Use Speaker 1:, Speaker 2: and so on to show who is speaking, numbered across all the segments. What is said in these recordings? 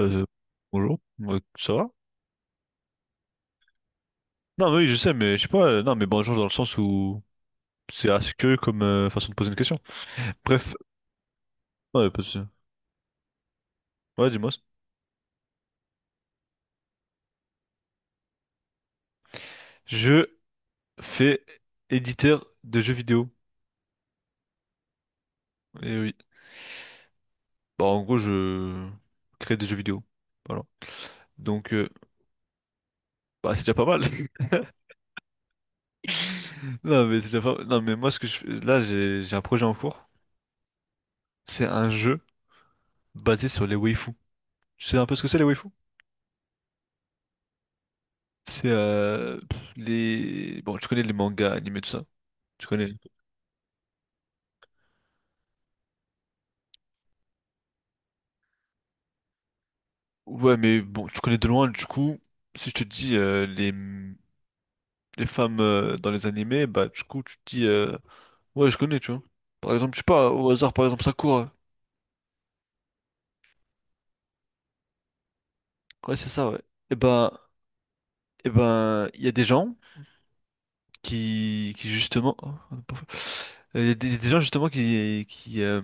Speaker 1: Euh, bonjour, ouais, ça va? Non, mais oui, je sais, mais je sais pas. Non, mais bonjour dans le sens où c'est assez curieux comme façon de poser une question. Bref, ouais, pas de souci. Ouais, dis-moi. Je fais éditeur de jeux vidéo. Et oui. Bah, en gros, je crée des jeux vidéo. Voilà. Donc bah, c'est déjà pas mal. Non, mais c'est déjà pas... Non, mais moi, ce que je fais... là, j'ai un projet en cours. C'est un jeu basé sur les waifus. Tu sais un peu ce que c'est les waifus? C'est les... Bon, tu connais les mangas, animés, tout ça. Tu connais. Ouais, mais bon, tu connais de loin, du coup, si je te dis les femmes dans les animés, bah du coup, tu te dis, ouais, je connais, tu vois. Par exemple, je sais pas, au hasard, par exemple, Sakura. Ouais, c'est ça, ouais. Et ben, et ben, il y a des gens qui justement, oh, on a pas fait. Il y a des gens justement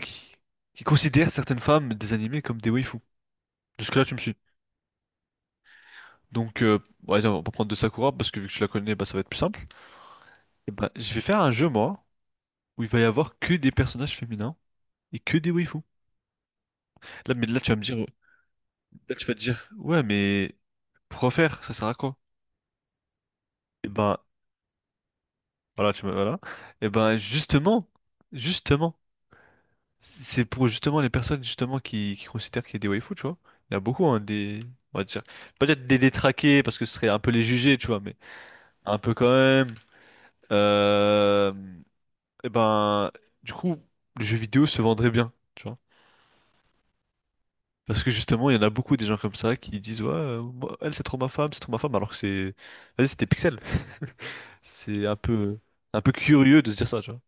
Speaker 1: qui, qui considèrent certaines femmes des animés comme des waifus. Jusque-là, tu me suis. Donc ouais, on va prendre de Sakura, parce que vu que tu la connais, bah ça va être plus simple. Et ben, je vais faire un jeu, moi, où il va y avoir que des personnages féminins et que des waifus. Mais là, tu vas me dire, là, tu vas te dire, ouais, mais pourquoi faire? Ça sert à quoi? Et ben, voilà, tu me, voilà. Et ben, justement, c'est pour justement les personnes justement qui considèrent qu'il y a des waifus, tu vois. Il y en a beaucoup, hein, des, on va dire, peut-être des détraqués parce que ce serait un peu les juger, tu vois, mais un peu quand même. Euh, et ben du coup le jeu vidéo se vendrait bien, tu vois. Parce que justement, il y en a beaucoup des gens comme ça qui disent, ouais, moi, elle, c'est trop ma femme, alors que c'est, vas-y, c'était Pixel. C'est un peu curieux de se dire ça, tu vois.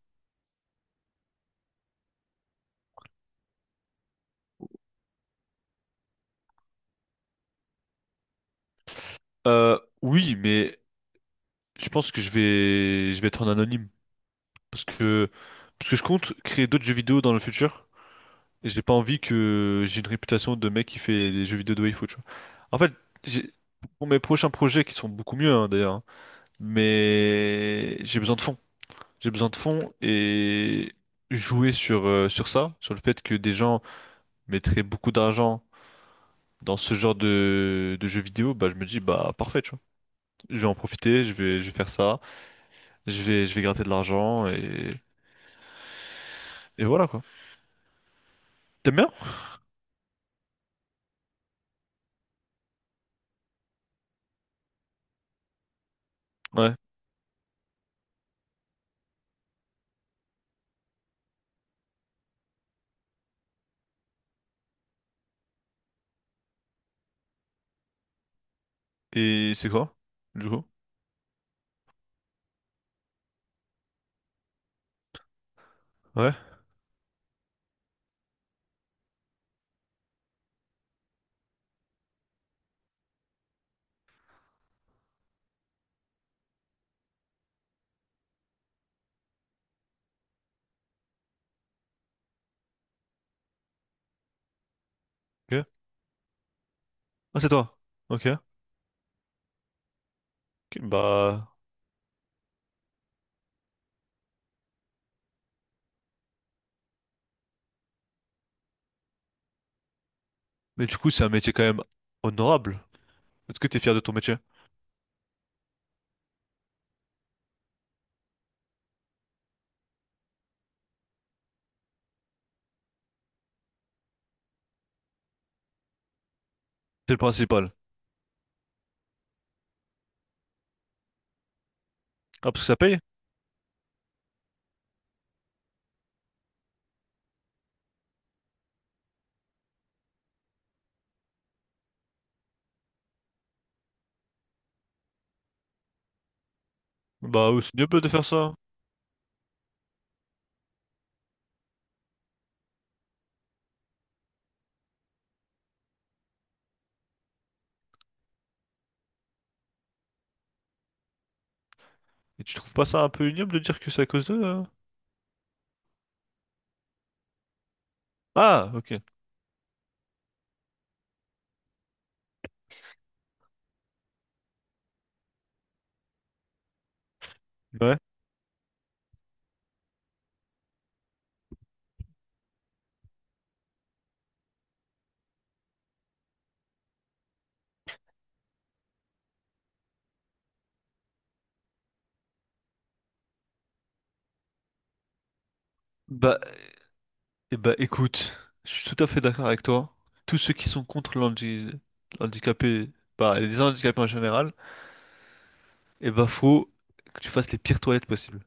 Speaker 1: Oui, mais je pense que je vais être en anonyme parce que, parce que je compte créer d'autres jeux vidéo dans le futur et j'ai pas envie que j'ai une réputation de mec qui fait des jeux vidéo de waifu, tu vois. En fait, j'ai, pour mes prochains projets qui sont beaucoup mieux, hein, d'ailleurs, hein, mais j'ai besoin de fonds. J'ai besoin de fonds et jouer sur, sur ça, sur le fait que des gens mettraient beaucoup d'argent dans ce genre de jeux vidéo, bah je me dis bah parfait, tu vois. Je vais en profiter, je vais faire ça, je vais gratter de l'argent et voilà quoi. T'aimes bien? Ouais. Et c'est quoi? Du coup? Ouais. Ok. Ah c'est toi. Ok. Ok. Bah. Mais du coup c'est un métier quand même honorable. Est-ce que t'es fier de ton métier? C'est le principal. Ah parce que ça paye? Bah oui, c'est ignoble de faire ça. Et tu trouves pas ça un peu ignoble de dire que c'est à cause d'eux, hein? Ah, ok. Ouais. Bah, eh bah écoute, je suis tout à fait d'accord avec toi. Tous ceux qui sont contre l'handi- L'handicapé, bah, les handicapés en général, eh bah faut que tu fasses les pires toilettes possibles.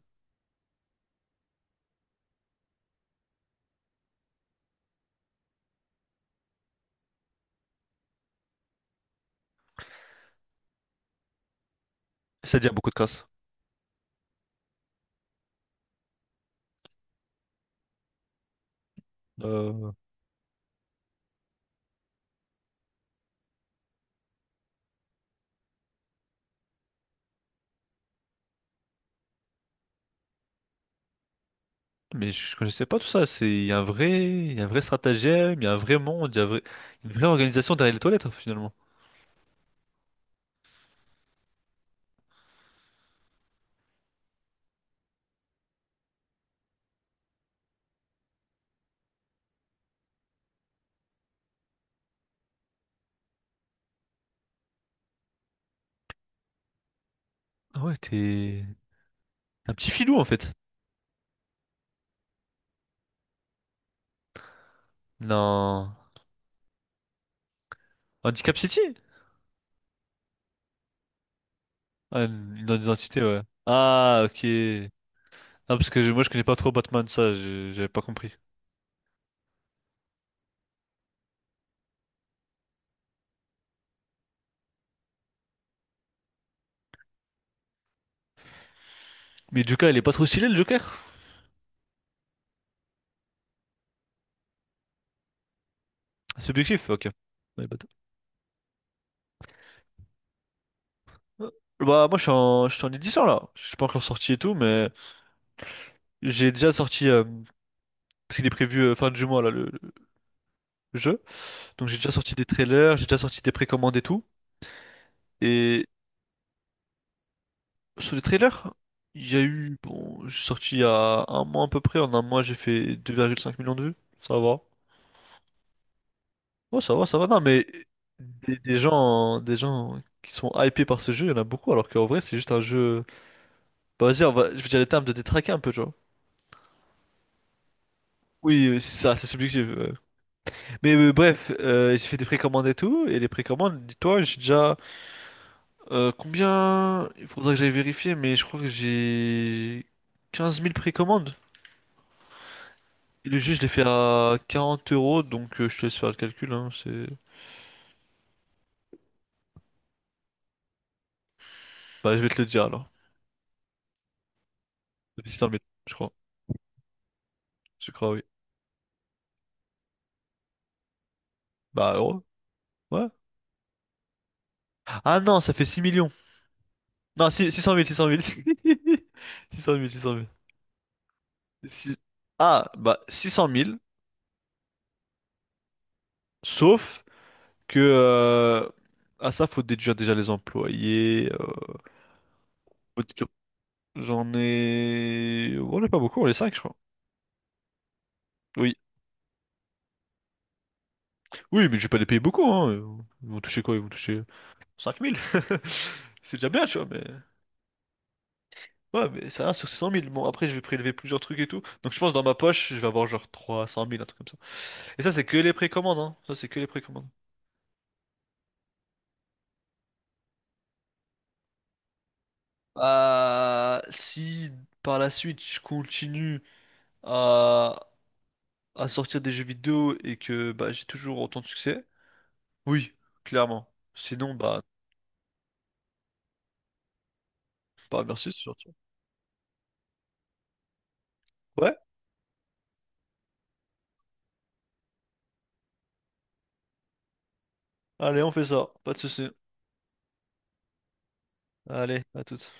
Speaker 1: C'est-à-dire beaucoup de crasse. Euh, Mais je connaissais pas tout ça. C'est, il y a un vrai, il y a un vrai stratagème, il y a un vrai monde, il y a un vrai- une vraie organisation derrière les toilettes, finalement. Ah ouais, t'es un petit filou, en fait. Non. Handicap City? Ah, une identité, ouais. Ah, ok. Non, parce que moi je connais pas trop Batman, ça, j'avais pas compris. Mais Joker, il est pas trop stylé le Joker? Subjectif, ok. Ouais, bâtard. Euh, Bah, moi je suis en édition là. Je suis pas encore sorti et tout, mais j'ai déjà sorti, parce qu'il est prévu fin du mois là, le jeu. Donc j'ai déjà sorti des trailers, j'ai déjà sorti des précommandes et tout. Et sur les trailers, il y a eu, bon, j'ai sorti il y a un mois à peu près, en un mois j'ai fait 2,5 millions de vues, ça va. Ouais, ça va, ça va. Non, mais des gens qui sont hypés par ce jeu, il y en a beaucoup, alors qu'en vrai, c'est juste un jeu. Bah, vas-y, on va... je vais dire les termes de détraquer un peu, tu vois. Oui, c'est ça, c'est subjectif, ouais. Mais bref, j'ai fait des précommandes et tout, et les précommandes, dis-toi, j'ai déjà, combien? Il faudra que j'aille vérifier, mais je crois que j'ai 15 000 précommandes. Et le jeu, je l'ai fait à 40 euros, donc je te laisse faire le calcul, hein, c'est... Bah, je vais te le dire alors. Ça fait 600 000, je crois. Je crois, oui. Bah, euros. Ouais. Ah non, ça fait 6 millions. Non, six- 600 000, six cent mille six cent mille. Si- Ah, bah, 600 000. Sauf que ah ça, faut déduire déjà les employés. Faut déduire- J'en ai... On n'est pas beaucoup, on est 5 je crois. Oui. Oui, mais je vais pas les payer beaucoup, hein. Ils vont toucher quoi? Ils vont toucher 5 000. C'est déjà bien, tu vois, mais... Ouais, mais ça va sur 600 000. Bon, après, je vais prélever plusieurs trucs et tout. Donc, je pense que dans ma poche, je vais avoir genre 300 000, un truc comme ça. Et ça, c'est que les précommandes, hein. Ça, c'est que les précommandes. Si par la suite, je continue à, à sortir des jeux vidéo et que bah, j'ai toujours autant de succès, oui, clairement. Sinon, bah, bah merci, c'est gentil. Ouais, allez, on fait ça. Pas de soucis. Allez, à toutes.